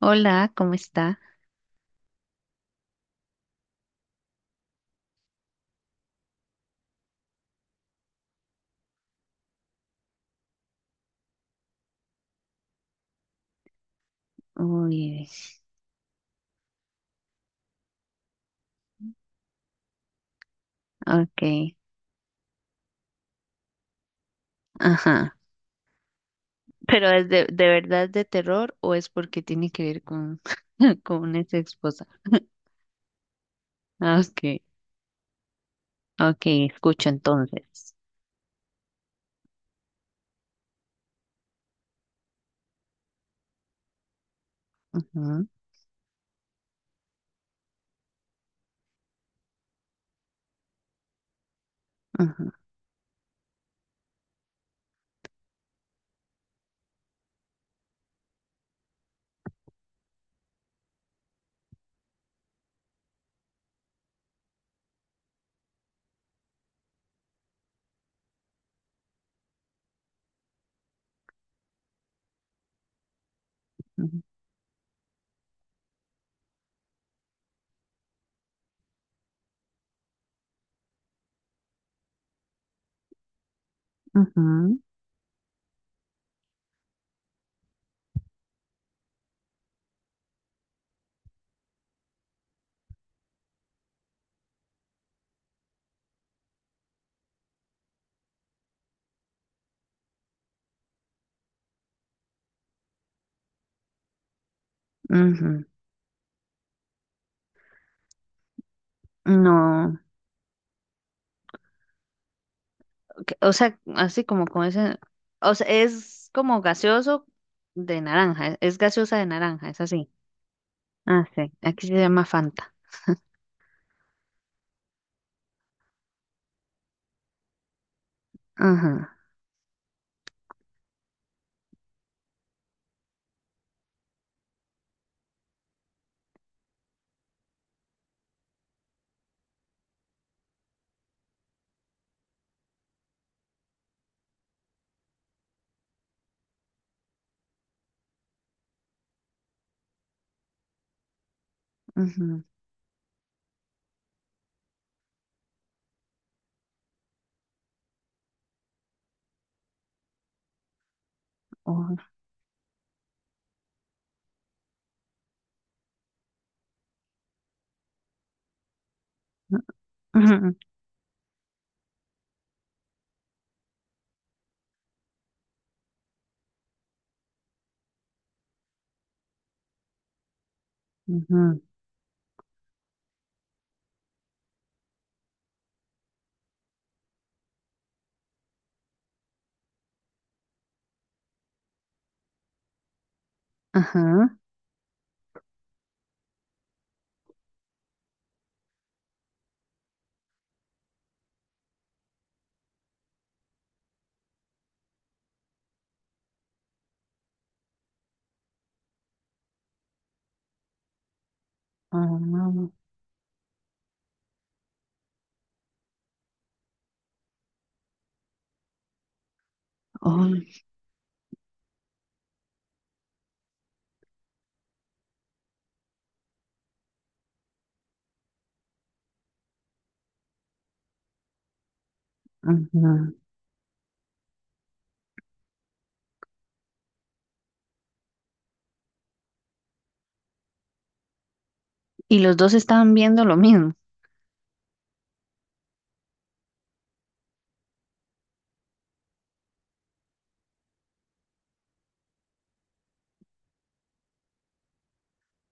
Hola, ¿cómo está? Uy, ok, ajá. ¿Pero es de verdad de terror o es porque tiene que ver con, con una ex esposa? Ah, ok, ok, escucho entonces. Ujú, ujú, ujú, ujú, ujú. No, ok, o sea, así como con ese, o sea, es como gaseoso de naranja, es gaseosa de naranja, es así. Ah, sí, aquí se llama Fanta. Ajá, ujú, ujú, ujú. Ujú, ajá. Ah, ay, ajá. Y los dos estaban viendo lo mismo.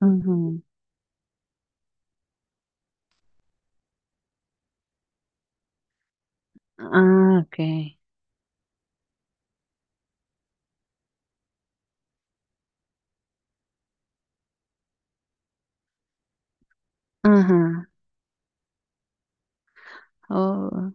Ujú. Ah, ok. Ajá. Oh,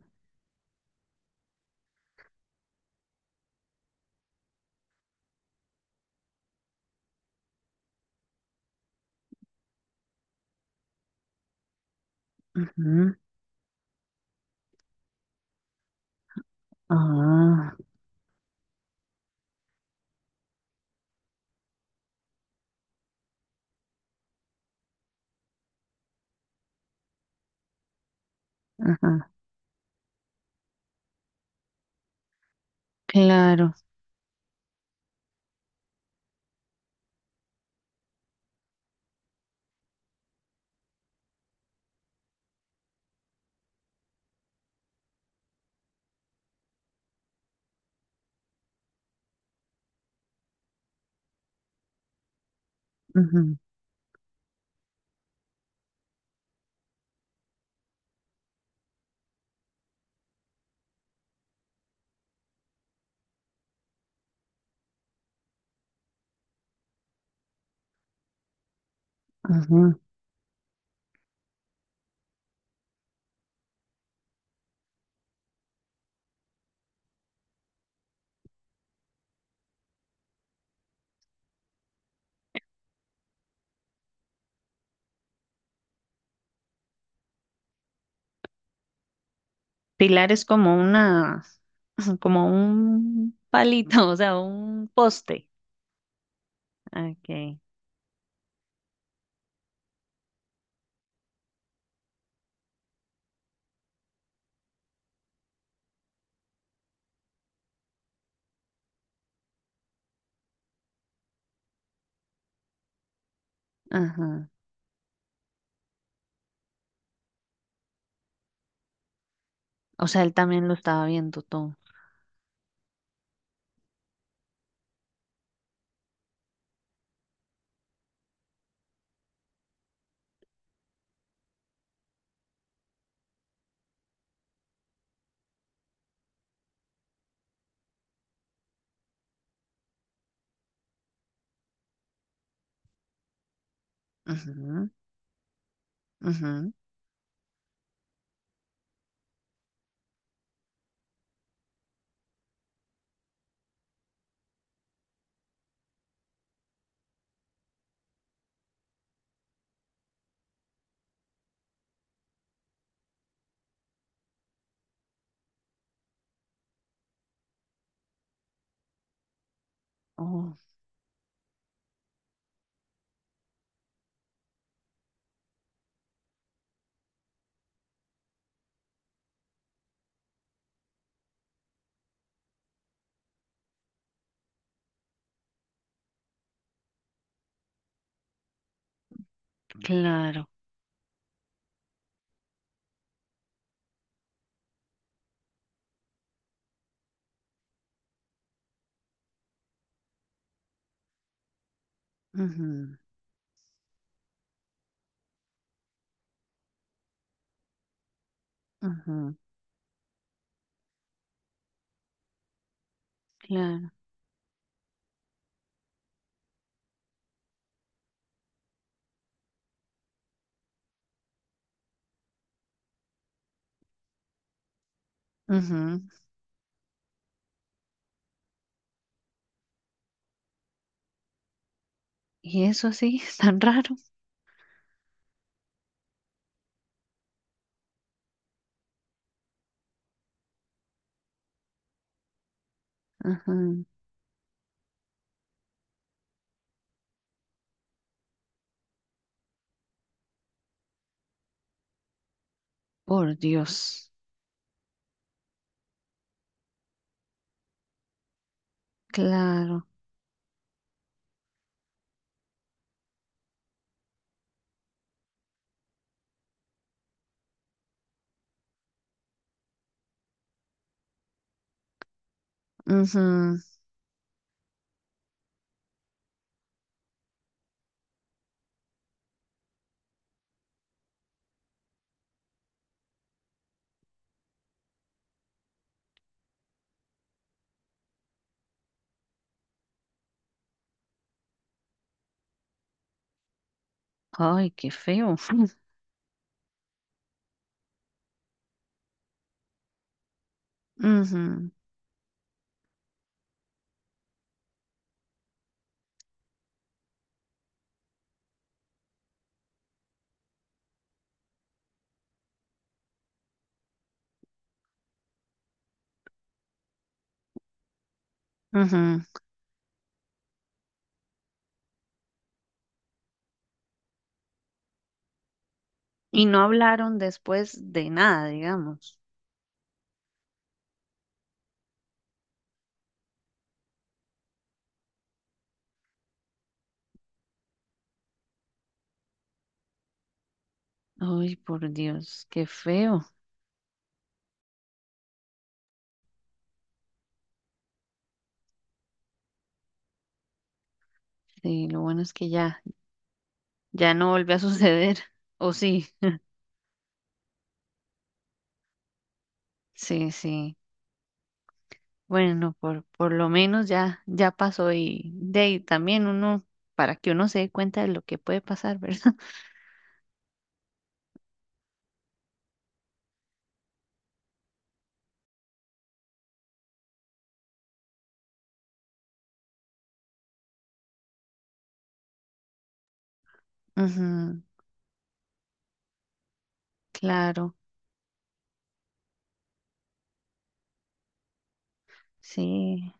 ujú. Ah, ajá. Claro. Ujú, ujú. Pilar es como una, como un palito, o sea, un poste. Ah, ok. Ajá. O sea, él también lo estaba viendo todo. Ujú, ujú. Oh, claro. Ujú, ujú. Claro. Ujú. Y eso sí, tan raro. Ujú. Por Dios. Claro. Ujú. Ay, qué feo. Ujú, ujú. Y no hablaron después de nada, digamos. Ay, por Dios, qué feo. Sí, lo bueno es que ya, ya no volvió a suceder. O sí, sí, sí. Bueno, por lo menos ya, ya pasó y de ahí también uno, para que uno se dé cuenta de lo que puede pasar, ¿verdad? Ujú, claro. Sí,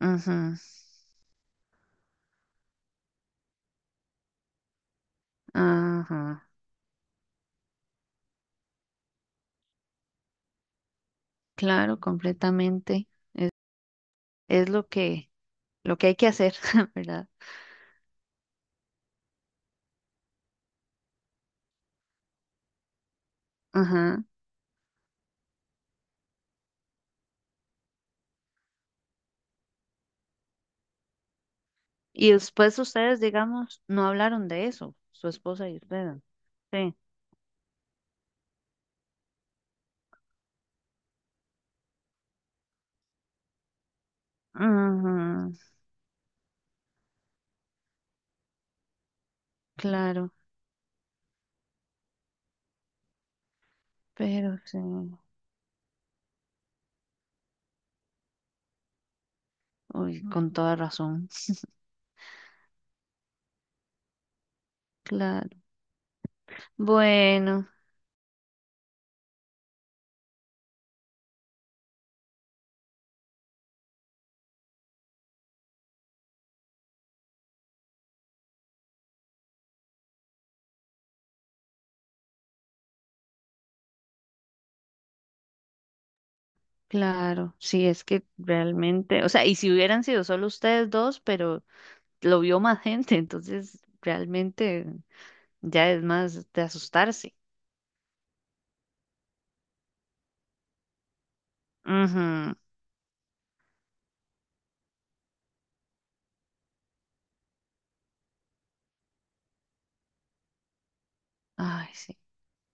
ajá, ajá, claro, completamente. Es lo que hay que hacer, ¿verdad? Ajá. Y después ustedes, digamos, no hablaron de eso, su esposa y ustedes. Sí, ajá, claro, pero sí. Uy, con toda razón. Claro. Bueno, claro. Sí, es que realmente, o sea, y si hubieran sido solo ustedes dos, pero lo vio más gente, entonces realmente. Ya es más de asustarse. Ujú. Ay, sí,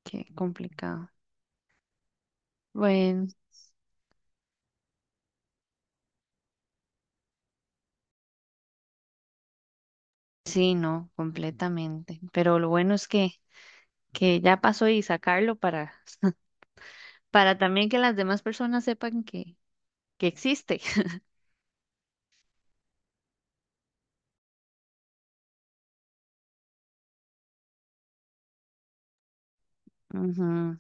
qué complicado. Bueno, sí, no, completamente. Pero lo bueno es que ya pasó y sacarlo para también que las demás personas sepan que existe. Ujú.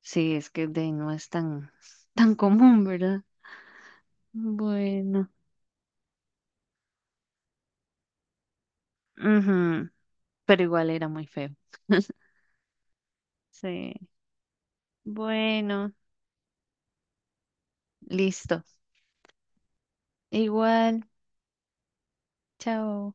Sí, es que de, ahí no es tan, tan común, ¿verdad? Bueno, ujú. Pero igual era muy feo. Sí. Bueno, listo. Igual, chao.